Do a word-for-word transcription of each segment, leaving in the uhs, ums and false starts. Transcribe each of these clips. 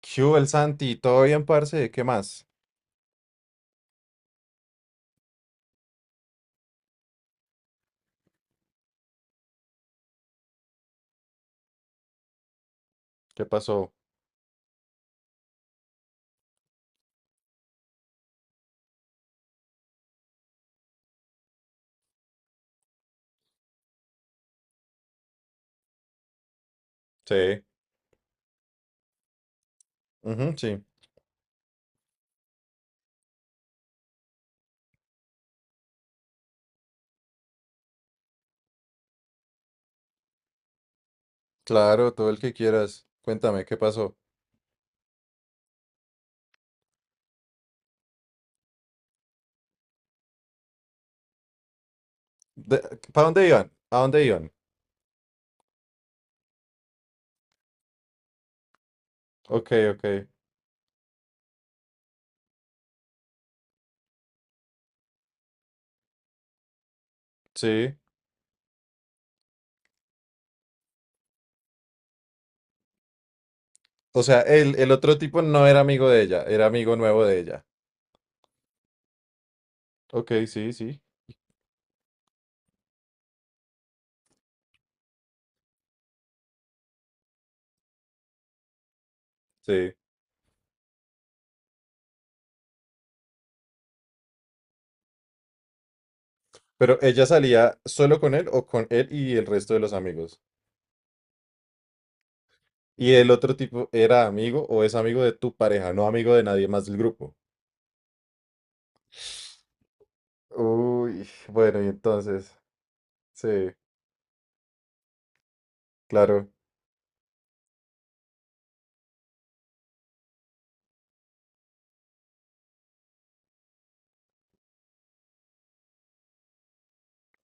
¿Qué hubo, el Santi? ¿Todo bien, parce? ¿Qué más? ¿Qué pasó? Sí. Ujú, sí. Claro, todo el que quieras. Cuéntame, ¿qué pasó? ¿Para dónde iban? ¿A dónde iban? Ok, ok. Sí. O sea, el, el otro tipo no era amigo de ella, era amigo nuevo de ella. Ok, sí, sí. Sí. Pero ella salía solo con él o con él y el resto de los amigos. Y el otro tipo era amigo o es amigo de tu pareja, no amigo de nadie más del grupo. Uy, bueno, y entonces, sí, claro.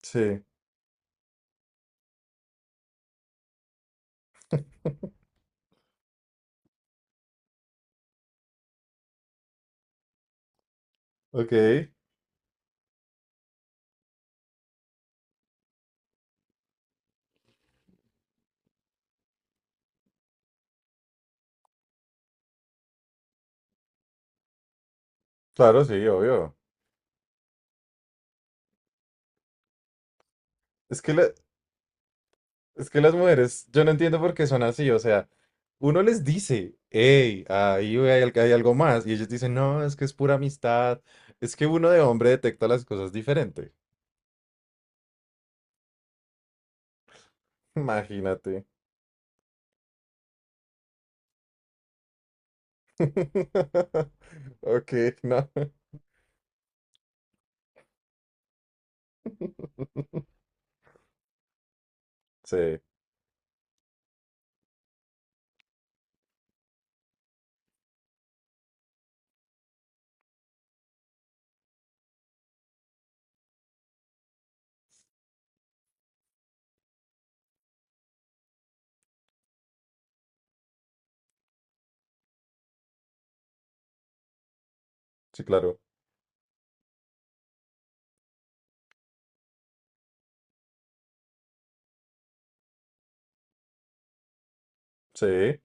Sí, ok, claro, sí, obvio. Es que, la- es que las mujeres, yo no entiendo por qué son así, o sea, uno les dice, hey, ahí hay, al- hay algo más, y ellos dicen, no, es que es pura amistad, es que uno de hombre detecta las cosas diferente. Imagínate. Ok, no. Sí, sí, claro, sí,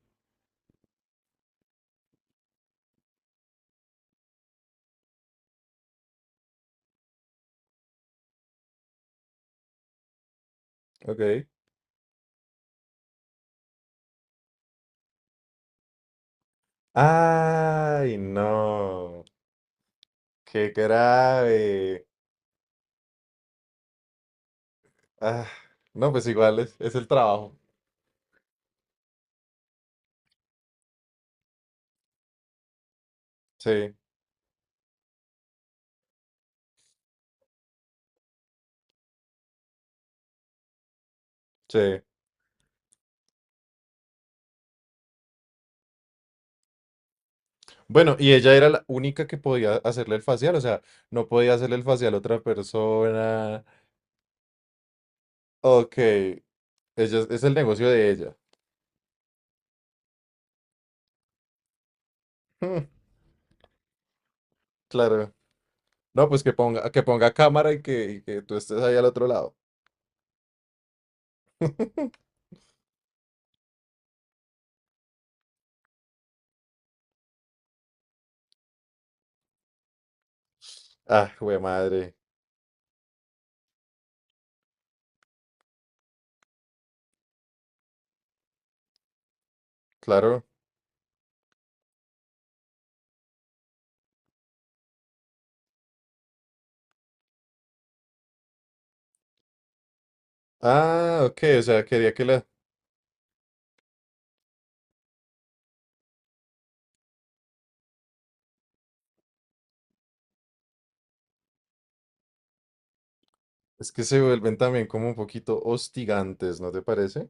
ok. Ay, no, qué grave. Ah, no, pues igual es, es el trabajo, sí, sí. Bueno, ¿y ella era la única que podía hacerle el facial? O sea, no podía hacerle el facial a otra persona. Ok, ella es, es el negocio de ella. Hmm, claro. No, pues que ponga, que ponga cámara y que, y que tú estés ahí al otro lado. Ah, güey, madre. Claro. Ah, ok, o sea, quería que la... Es que se vuelven también como un poquito hostigantes, ¿no te parece?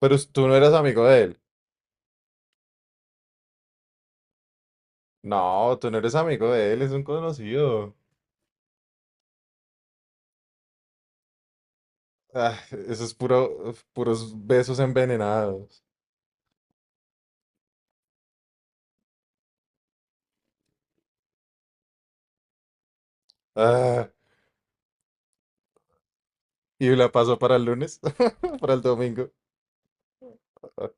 Pero tú no eras amigo de él. No, tú no eres amigo de él, es un conocido. Ah, eso es puro, puros besos envenenados. Ah, y la pasó para el lunes, para el domingo. Ah,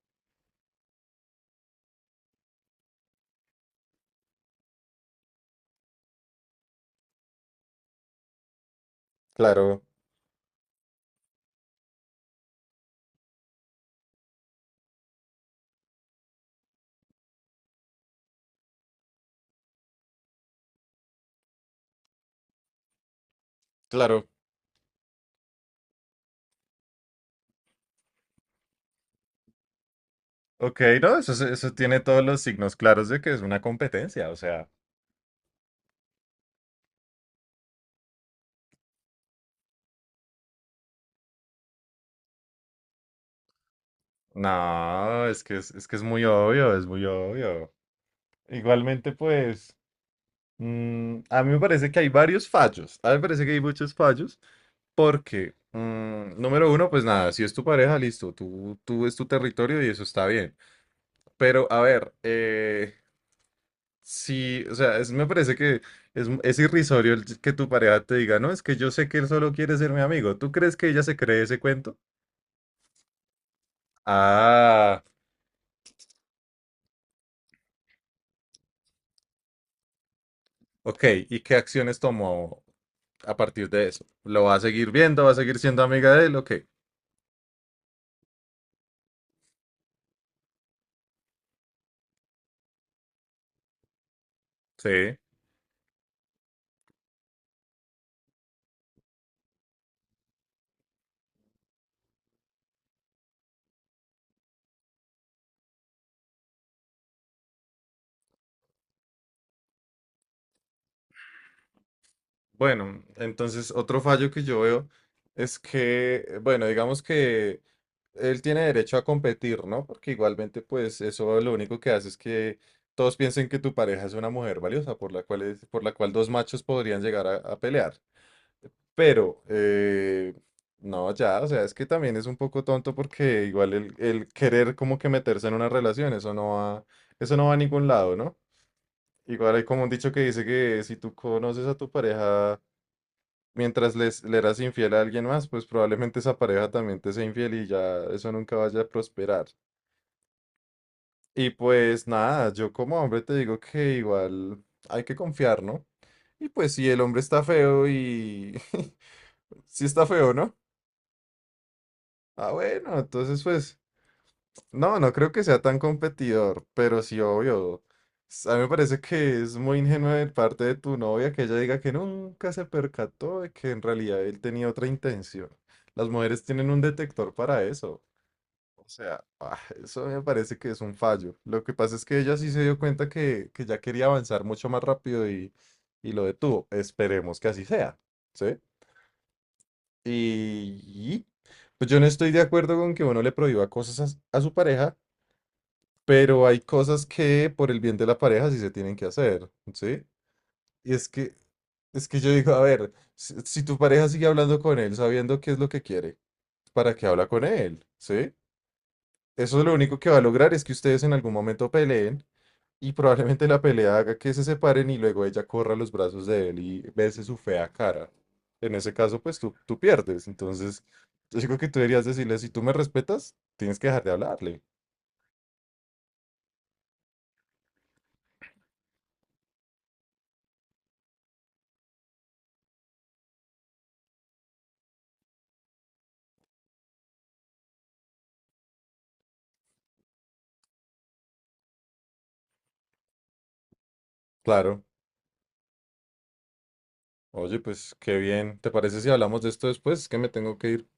claro, claro. Ok, no, eso, es- eso tiene todos los signos claros de que es una competencia, o sea, no, es que es, es que es muy obvio, es muy obvio. Igualmente, pues, mm, a mí me parece que hay varios fallos, a mí me parece que hay muchos fallos, porque, mm, número uno, pues nada, si es tu pareja, listo, tú, tú es tu territorio y eso está bien. Pero, a ver, eh, sí, o sea, es- me parece que es, es irrisorio el que tu pareja te diga, no, es que yo sé que él solo quiere ser mi amigo. ¿Tú crees que ella se cree ese cuento? Ah, ok. ¿Y qué acciones tomó a partir de eso? ¿Lo va a seguir viendo? ¿Va a seguir siendo amiga de él? Ok. Sí. Bueno, entonces otro fallo que yo veo es que, eh, bueno, digamos que él tiene derecho a competir, ¿no? Porque igualmente, pues eso lo único que hace es que todos piensen que tu pareja es una mujer valiosa por la cual, es- por la cual dos machos podrían llegar a, a pelear. Pero, eh, no, ya, o sea, es que también es un poco tonto porque igual el, el querer como que meterse en una relación, eso no va, eso no va a ningún lado, ¿no? Igual hay como un dicho que dice que si tú conoces a tu pareja mientras les, le eras infiel a alguien más, pues probablemente esa pareja también te sea infiel y ya eso nunca vaya a prosperar. Y pues nada, yo como hombre te digo que igual hay que confiar, ¿no? Y pues si el hombre está feo y... si está feo, ¿no? Ah, bueno, entonces pues no, no creo que sea tan competidor, pero sí, obvio. s- A mí me parece que es muy ingenuo de parte de tu novia que ella diga que nunca se percató de que en realidad él tenía otra intención. Las mujeres tienen un detector para eso. O sea, ah, eso me parece que es un fallo. Lo que pasa es que ella sí se dio cuenta que, que ya quería avanzar mucho más rápido y, y lo detuvo. Esperemos que así sea, ¿sí? Y, y, pues yo no estoy de acuerdo con que uno le prohíba cosas a a su pareja, pero hay cosas que por el bien de la pareja sí se tienen que hacer, ¿sí? Y es que, es que yo digo, a ver, si, si tu pareja sigue hablando con él sabiendo qué es lo que quiere, ¿para qué habla con él? ¿Sí? Eso lo único que va a lograr es que ustedes en algún momento peleen y probablemente la pelea haga que se separen y luego ella corra a los brazos de él y bese su fea cara. En ese caso, pues tú, tú pierdes. Entonces, yo digo que tú deberías decirle, si tú me respetas, tienes que dejar de hablarle. Claro. Oye, pues qué bien. ¿Te parece si hablamos de esto después? Es que me tengo que ir.